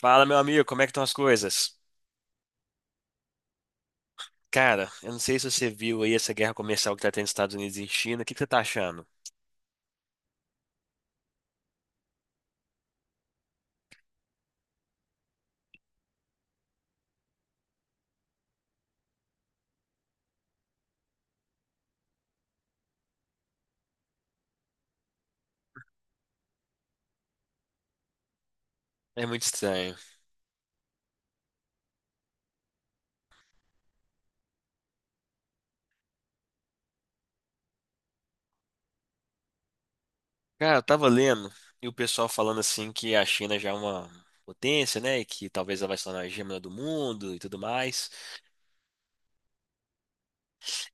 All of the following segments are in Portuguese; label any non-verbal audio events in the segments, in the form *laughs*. Fala, meu amigo, como é que estão as coisas? Cara, eu não sei se você viu aí essa guerra comercial que tá tendo nos Estados Unidos e China. O que que você tá achando? É muito estranho. Cara, eu tava lendo e o pessoal falando assim que a China já é uma potência, né? E que talvez ela vai se tornar a hegemonia do mundo e tudo mais.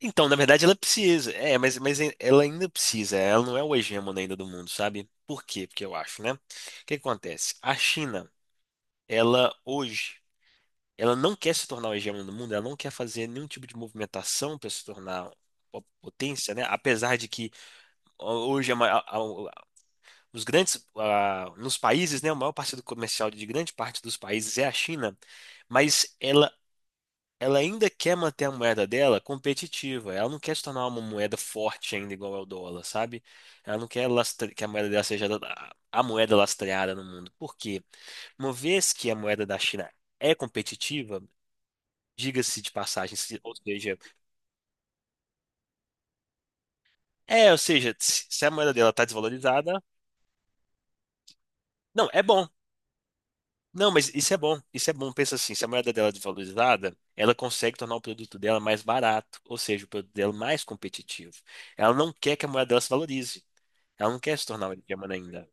Então, na verdade, ela precisa. É, mas ela ainda precisa. Ela não é o hegemona ainda do mundo, sabe? Por quê? Porque eu acho, né? O que que acontece? A China, ela hoje. Ela não quer se tornar o hegemona do mundo, ela não quer fazer nenhum tipo de movimentação para se tornar uma potência, né? Apesar de que hoje a ma- a- os grandes nos países, né, o maior parceiro comercial de grande parte dos países é a China, mas ela ainda quer manter a moeda dela competitiva. Ela não quer se tornar uma moeda forte ainda igual ao dólar, sabe? Ela não quer que a moeda dela seja a moeda lastreada no mundo. Por quê? Uma vez que a moeda da China é competitiva, diga-se de passagem, ou seja, se a moeda dela tá desvalorizada. Não, é bom. Não, mas isso é bom. Isso é bom. Pensa assim, se a moeda dela é desvalorizada, ela consegue tornar o produto dela mais barato, ou seja, o produto dela mais competitivo. Ela não quer que a moeda dela se valorize. Ela não quer se tornar uma hegemona ainda.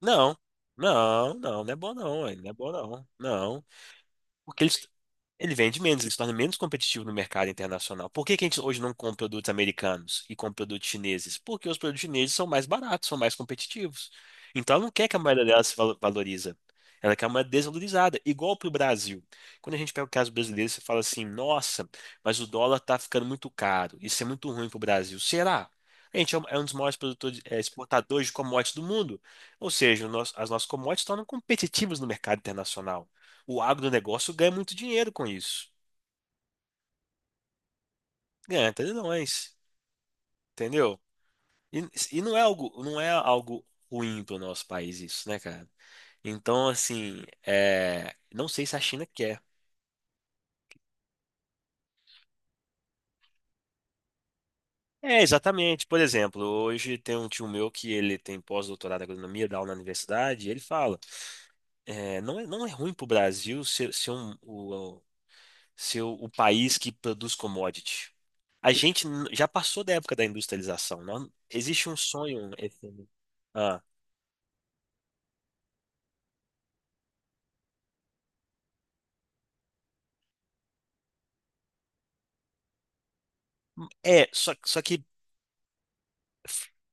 Não. Não, não, não é bom não, ué, não é bom não. Não. Porque eles, ele vende menos, ele se torna menos competitivo no mercado internacional. Por que que a gente hoje não compra produtos americanos e compra produtos chineses? Porque os produtos chineses são mais baratos, são mais competitivos. Então ela não quer que a moeda dela se valoriza. Ela quer uma moeda desvalorizada, igual para o Brasil. Quando a gente pega o caso brasileiro, você fala assim: nossa, mas o dólar está ficando muito caro, isso é muito ruim para o Brasil. Será? A gente é um dos maiores produtores, exportadores de commodities do mundo. Ou seja, as nossas commodities se tornam competitivas no mercado internacional. O agronegócio ganha muito dinheiro com isso. Ganha até de nós, entendeu? E, e não é algo ruim para o nosso país isso, né, cara? Então, assim, não sei se a China quer. É, exatamente. Por exemplo, hoje tem um tio meu que ele tem pós-doutorado em agronomia, dá aula na universidade, e ele fala, não é ruim para o Brasil ser o país que produz commodity. A gente já passou da época da industrialização. Não? Existe um sonho. É, só que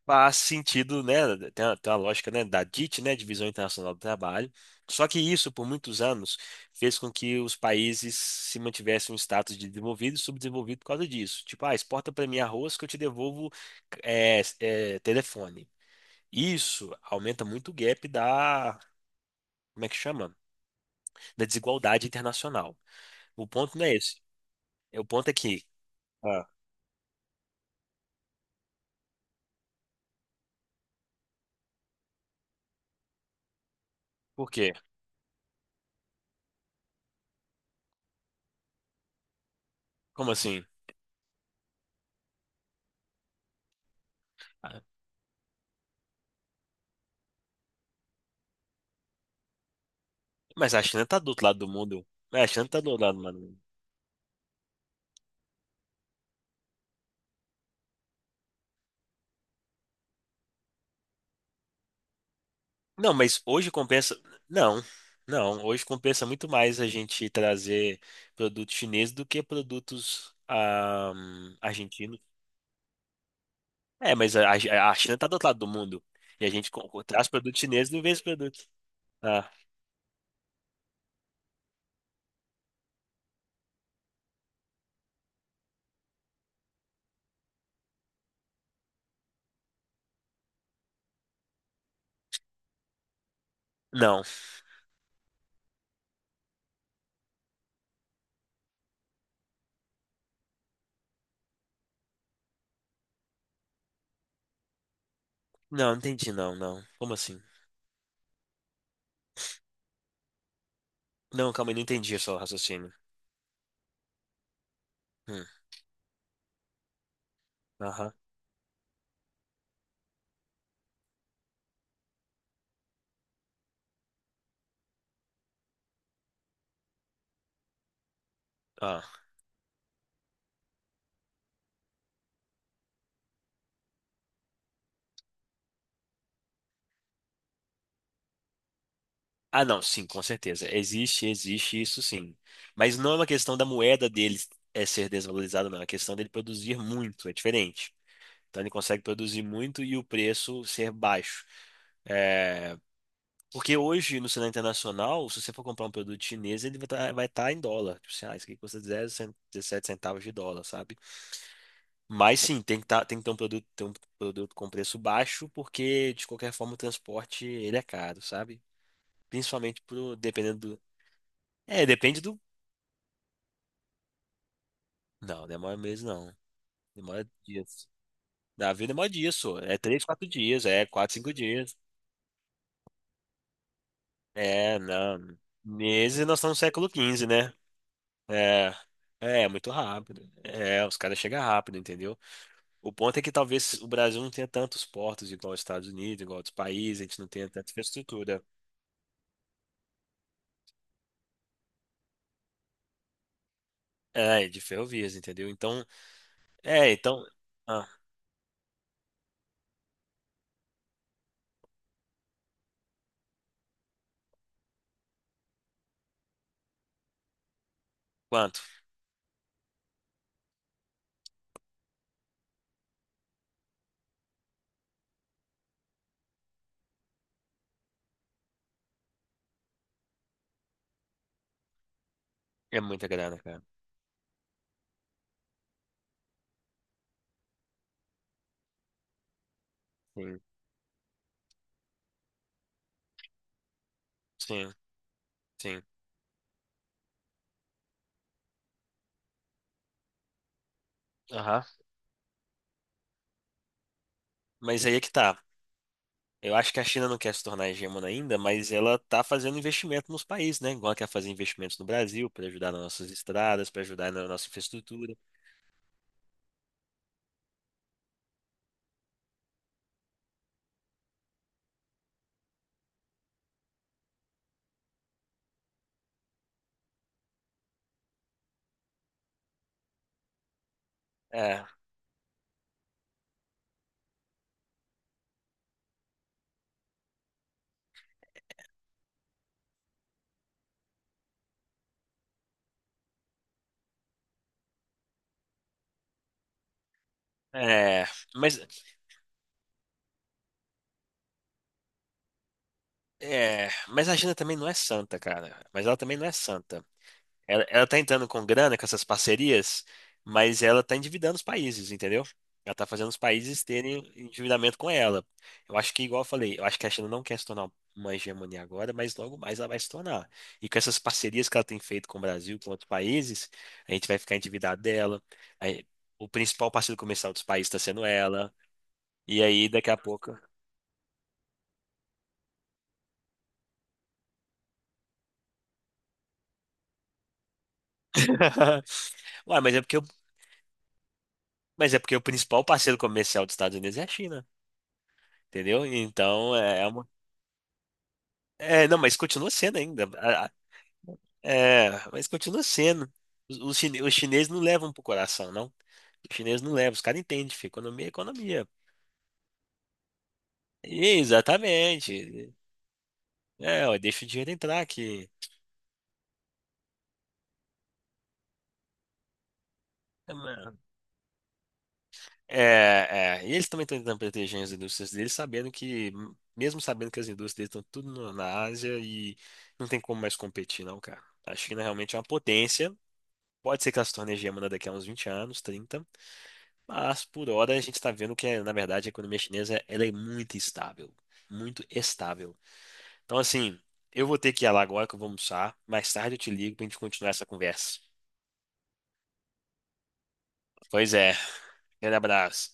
faz sentido, né? Tem uma lógica, né, da DIT, né, Divisão Internacional do Trabalho. Só que isso, por muitos anos, fez com que os países se mantivessem um status de desenvolvido e subdesenvolvido por causa disso. Tipo, exporta para mim arroz que eu te devolvo telefone. Isso aumenta muito o gap da, como é que chama? Da desigualdade internacional. O ponto não é esse. O ponto é que, ah, por quê? Como assim? Mas a China tá do outro lado do mundo. É, a China tá do outro lado, mano. Não, mas hoje compensa. Não, não. Hoje compensa muito mais a gente trazer produtos chineses do que produtos argentinos. É, mas a China tá do outro lado do mundo. E a gente traz produtos chineses e vê esse produto. Ah, não. Não, não entendi, não, não. Como assim? Não, calma aí, não entendi o seu raciocínio. Hum, aham. Ah. Ah, não, sim, com certeza. Existe isso sim. Mas não é uma questão da moeda dele é ser desvalorizada, não. É uma questão dele produzir muito, é diferente. Então ele consegue produzir muito e o preço ser baixo. É, porque hoje, no cenário internacional, se você for comprar um produto chinês, ele vai tá em dólar. Tipo assim, isso aqui custa 0, dezessete centavos de dólar, sabe? Mas sim, tem que, tá, tem que ter um produto com preço baixo, porque de qualquer forma o transporte ele é caro, sabe? Principalmente pro, dependendo do. É, depende do. Não, demora meses não. Demora dias. Na vida demora dias, só. É 3, 4 dias, é 4, 5 dias. É, não. Meses nós estamos no século XV, né? É. É muito rápido. É, os caras chegam rápido, entendeu? O ponto é que talvez o Brasil não tenha tantos portos igual os Estados Unidos, igual outros países, a gente não tenha tanta infraestrutura. É, de ferrovias, entendeu? Então, então. Ah, quanto? É muita grana, cara. Sim, sim, sim. Aham. Mas aí é que tá. Eu acho que a China não quer se tornar hegemona ainda, mas ela está fazendo investimento nos países, né? Igual ela quer fazer investimentos no Brasil para ajudar nas nossas estradas, para ajudar na nossa infraestrutura. É, é, mas, mas a China também não é santa, cara. Mas ela também não é santa. Ela tá entrando com grana, com essas parcerias, mas ela tá endividando os países, entendeu? Ela tá fazendo os países terem endividamento com ela. Eu acho que, igual eu falei, eu acho que a China não quer se tornar uma hegemonia agora, mas logo mais ela vai se tornar. E com essas parcerias que ela tem feito com o Brasil, com outros países, a gente vai ficar endividado dela. Aí, o principal parceiro comercial dos países está sendo ela. E aí, daqui a pouco. *laughs* Ué, mas é porque o principal parceiro comercial dos Estados Unidos é a China, entendeu? Então, é é uma É, não, mas continua sendo ainda. É, mas continua sendo. Os chineses não levam pro coração, não. Os chineses não levam, os caras entendem, filho. Economia é economia. Exatamente. É, ó, deixa o dinheiro entrar aqui. É. E eles também estão tentando proteger as indústrias deles, sabendo que, mesmo sabendo que as indústrias deles estão tudo na Ásia e não tem como mais competir, não, cara. A China realmente é uma potência. Pode ser que ela se torne hegemona daqui a uns 20 anos, 30. Mas por hora a gente está vendo que, na verdade, a economia chinesa ela é muito estável, muito estável. Então, assim, eu vou ter que ir lá agora que eu vou almoçar. Mais tarde eu te ligo para a gente continuar essa conversa. Pois é, grande abraço.